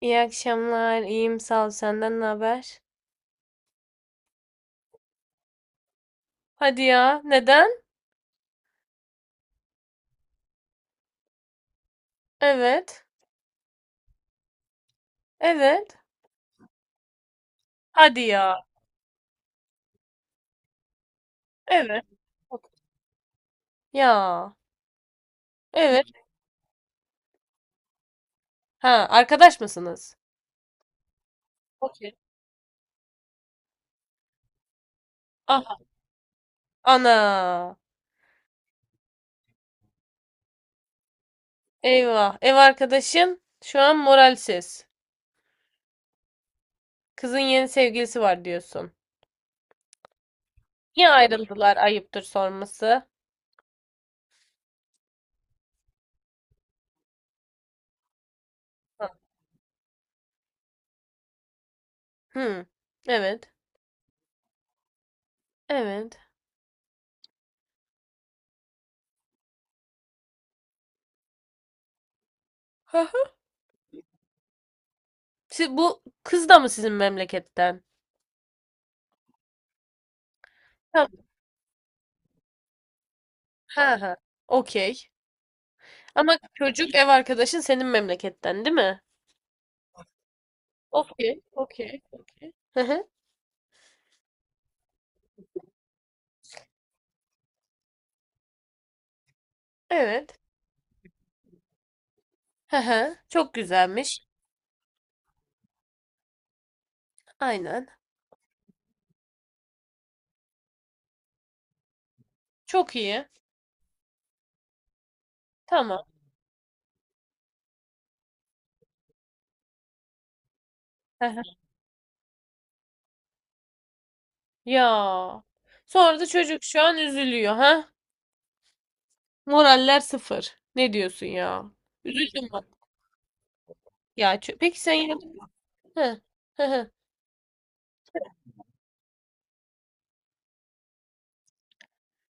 İyi akşamlar. İyiyim sağ ol. Senden ne haber? Hadi ya. Neden? Evet. Evet. Hadi ya. Evet. Okey. Ya. Evet. Ha, arkadaş mısınız? Okey. Aha. Ana. Eyvah. Ev arkadaşın şu an moralsiz. Kızın yeni sevgilisi var diyorsun. Niye ayrıldılar? Ayıptır sorması. Hı. Hı. Evet. Evet. Hı hı. Siz, bu kız da mı sizin memleketten? Tamam. Ha ha. Okey. Ama çocuk ev arkadaşın senin memleketten değil mi? Okey, okey, okey. Hı hı, evet. Hı hı, çok güzelmiş. Aynen. Çok iyi. Tamam. Hı hı. Ya. Sonra da çocuk şu an üzülüyor ha? Moraller sıfır. Ne diyorsun ya? Üzüldüm bak. Peki sen yine... Hı, hı hı.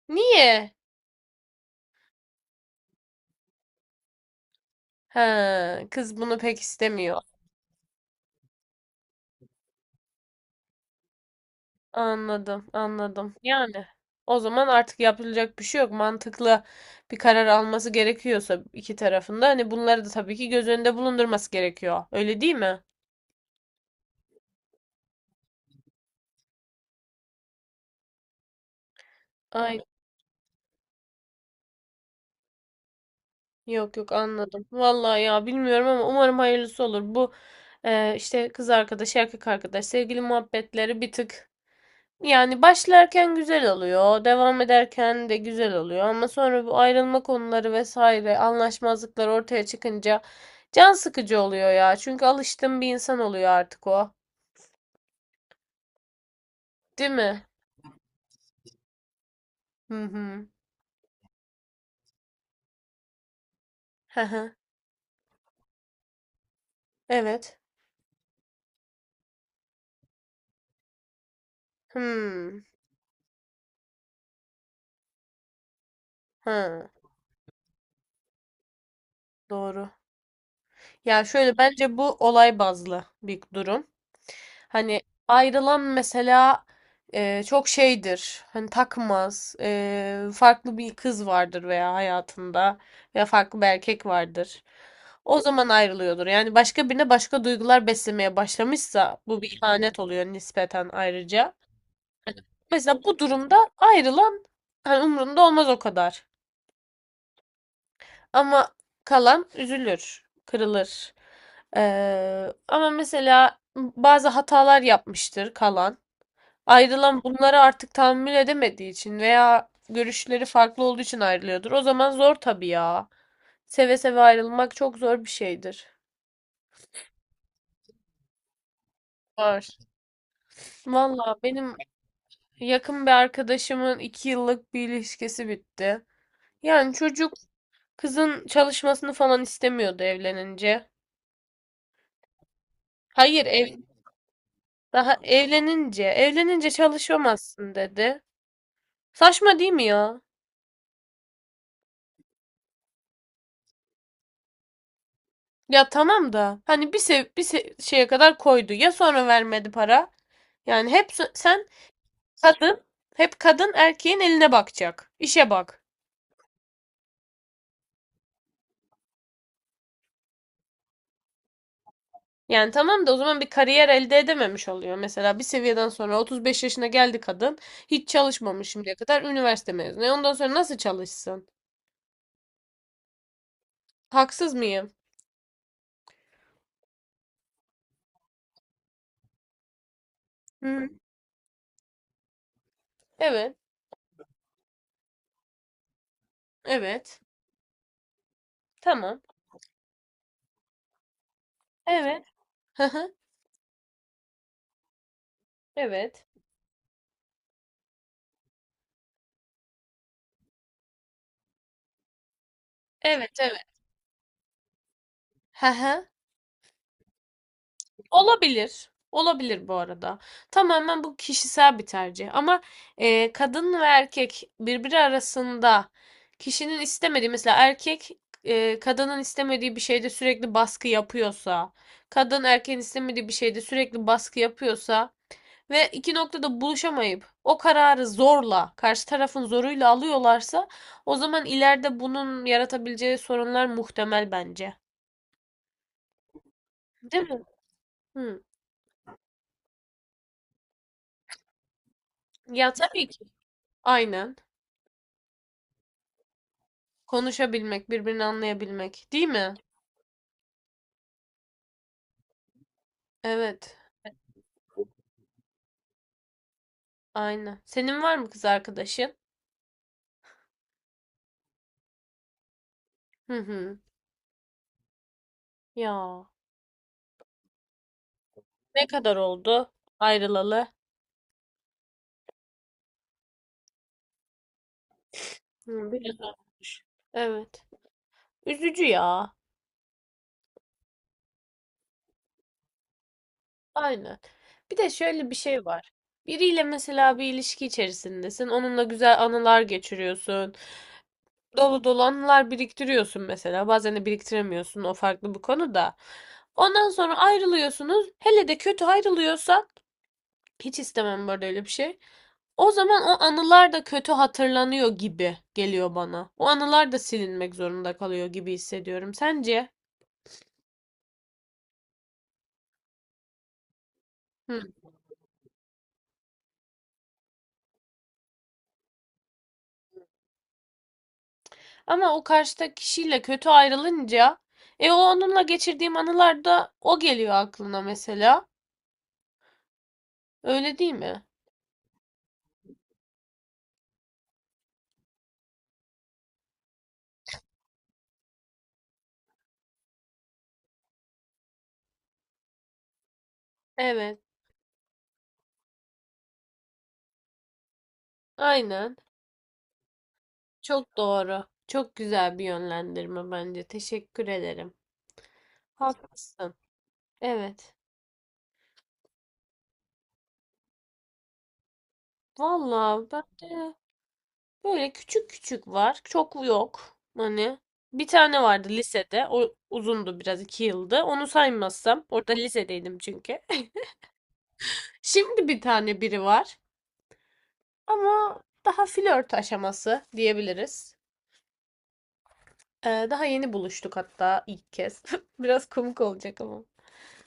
Niye? Ha, kız bunu pek istemiyor. Anladım, anladım. Yani o zaman artık yapılacak bir şey yok. Mantıklı bir karar alması gerekiyorsa iki tarafında hani bunları da tabii ki göz önünde bulundurması gerekiyor. Öyle değil mi? Ay yok yok anladım. Vallahi ya bilmiyorum ama umarım hayırlısı olur. Bu işte kız arkadaş, erkek arkadaş, sevgili muhabbetleri bir tık. Yani başlarken güzel oluyor, devam ederken de güzel oluyor ama sonra bu ayrılma konuları vesaire, anlaşmazlıklar ortaya çıkınca can sıkıcı oluyor ya. Çünkü alıştığım bir insan oluyor artık o. Değil mi? Hı hı. Hı hı. Evet. Hmm. Hı. Doğru. Ya şöyle bence bu olay bazlı bir durum. Hani ayrılan mesela çok şeydir. Hani takmaz. E, farklı bir kız vardır veya hayatında veya farklı bir erkek vardır. O zaman ayrılıyordur. Yani başka birine başka duygular beslemeye başlamışsa bu bir ihanet oluyor nispeten ayrıca. Mesela bu durumda ayrılan hani umrunda olmaz o kadar. Ama kalan üzülür, kırılır. Ama mesela bazı hatalar yapmıştır kalan. Ayrılan bunları artık tahammül edemediği için veya görüşleri farklı olduğu için ayrılıyordur. O zaman zor tabii ya. Seve seve ayrılmak çok zor bir şeydir. Var. Valla benim yakın bir arkadaşımın 2 yıllık bir ilişkisi bitti. Yani çocuk kızın çalışmasını falan istemiyordu evlenince. Hayır. Daha evlenince, evlenince çalışamazsın dedi. Saçma değil mi ya? Ya tamam da hani bir sev bir se- şeye kadar koydu. Ya sonra vermedi para? Yani kadın, hep kadın erkeğin eline bakacak. İşe bak. Yani tamam da o zaman bir kariyer elde edememiş oluyor. Mesela bir seviyeden sonra 35 yaşına geldi kadın. Hiç çalışmamış şimdiye kadar. Üniversite mezunu. E ondan sonra nasıl çalışsın? Haksız mıyım? Hı. Evet. Evet. Tamam. Evet. Hı hı. Evet. Evet, evet. Hı hı. Olabilir. Olabilir bu arada. Tamamen bu kişisel bir tercih. Ama kadın ve erkek birbiri arasında kişinin istemediği mesela kadının istemediği bir şeyde sürekli baskı yapıyorsa, kadın erkeğin istemediği bir şeyde sürekli baskı yapıyorsa ve iki noktada buluşamayıp o kararı zorla, karşı tarafın zoruyla alıyorlarsa o zaman ileride bunun yaratabileceği sorunlar muhtemel bence. Değil mi? Hı. Ya tabii ki. Aynen. Konuşabilmek, birbirini anlayabilmek, değil mi? Evet, aynen. Senin var mı kız arkadaşın? Hı hı. Ya. Ne kadar oldu ayrılalı? Hı, biraz olmuş. Evet. Üzücü ya. Aynen. Bir de şöyle bir şey var. Biriyle mesela bir ilişki içerisindesin. Onunla güzel anılar geçiriyorsun. Dolu dolu anılar biriktiriyorsun mesela. Bazen de biriktiremiyorsun. O farklı bir konu da. Ondan sonra ayrılıyorsunuz. Hele de kötü ayrılıyorsa hiç istemem böyle öyle bir şey. O zaman o anılar da kötü hatırlanıyor gibi geliyor bana. O anılar da silinmek zorunda kalıyor gibi hissediyorum. Sence? Hı. Ama o karşıdaki kişiyle kötü ayrılınca e o onunla geçirdiğim anılarda o geliyor aklına mesela. Öyle değil mi? Evet. Aynen. Çok doğru. Çok güzel bir yönlendirme bence. Teşekkür ederim. Haklısın. Evet. Vallahi ben de böyle küçük küçük var. Çok yok. Hani bir tane vardı lisede. O uzundu biraz, 2 yıldı. Onu saymazsam. Orada lisedeydim çünkü. Şimdi bir tane biri var. Ama daha flört aşaması diyebiliriz. Daha yeni buluştuk hatta ilk kez. Biraz komik olacak ama.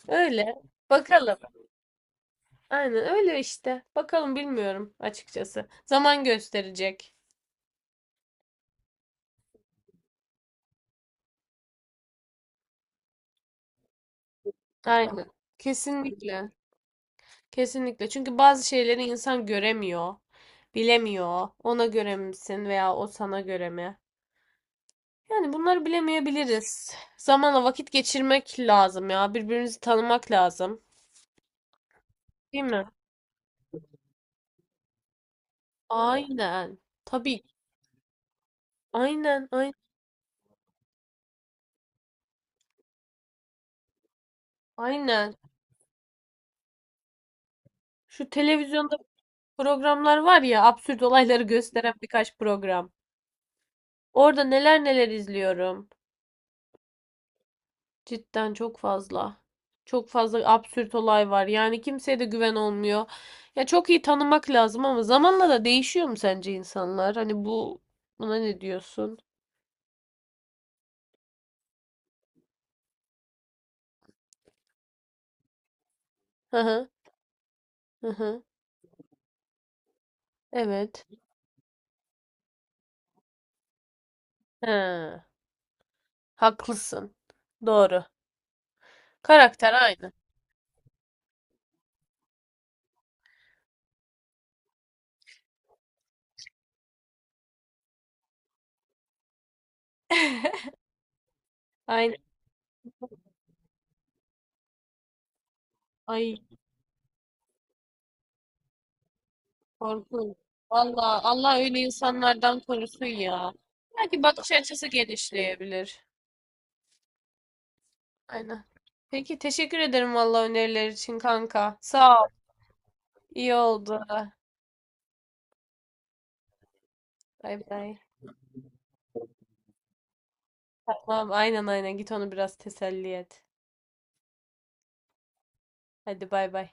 Öyle. Bakalım. Aynen öyle işte. Bakalım bilmiyorum açıkçası. Zaman gösterecek. Aynen. Kesinlikle. Kesinlikle. Çünkü bazı şeyleri insan göremiyor, bilemiyor. Ona göre misin veya o sana göre mi? Yani bunları bilemeyebiliriz. Zamanla vakit geçirmek lazım ya. Birbirinizi tanımak lazım. Değil mi? Aynen. Tabii. Aynen, aynen, aynen. Şu televizyonda programlar var ya, absürt olayları gösteren birkaç program. Orada neler neler izliyorum. Cidden çok fazla. Çok fazla absürt olay var. Yani kimseye de güven olmuyor. Ya çok iyi tanımak lazım ama zamanla da değişiyor mu sence insanlar? Hani bu buna ne diyorsun? Hı hı hı hı. Evet. He, haklısın. Doğru. Karakter aynı. Aynı. Ay korkunç. Valla Allah öyle insanlardan korusun ya. Belki bakış açısı genişleyebilir. Aynen. Peki teşekkür ederim valla öneriler için kanka. Sağ ol. İyi oldu. Bay bay. Tamam aynen aynen git onu biraz teselli et. Hadi bay bay.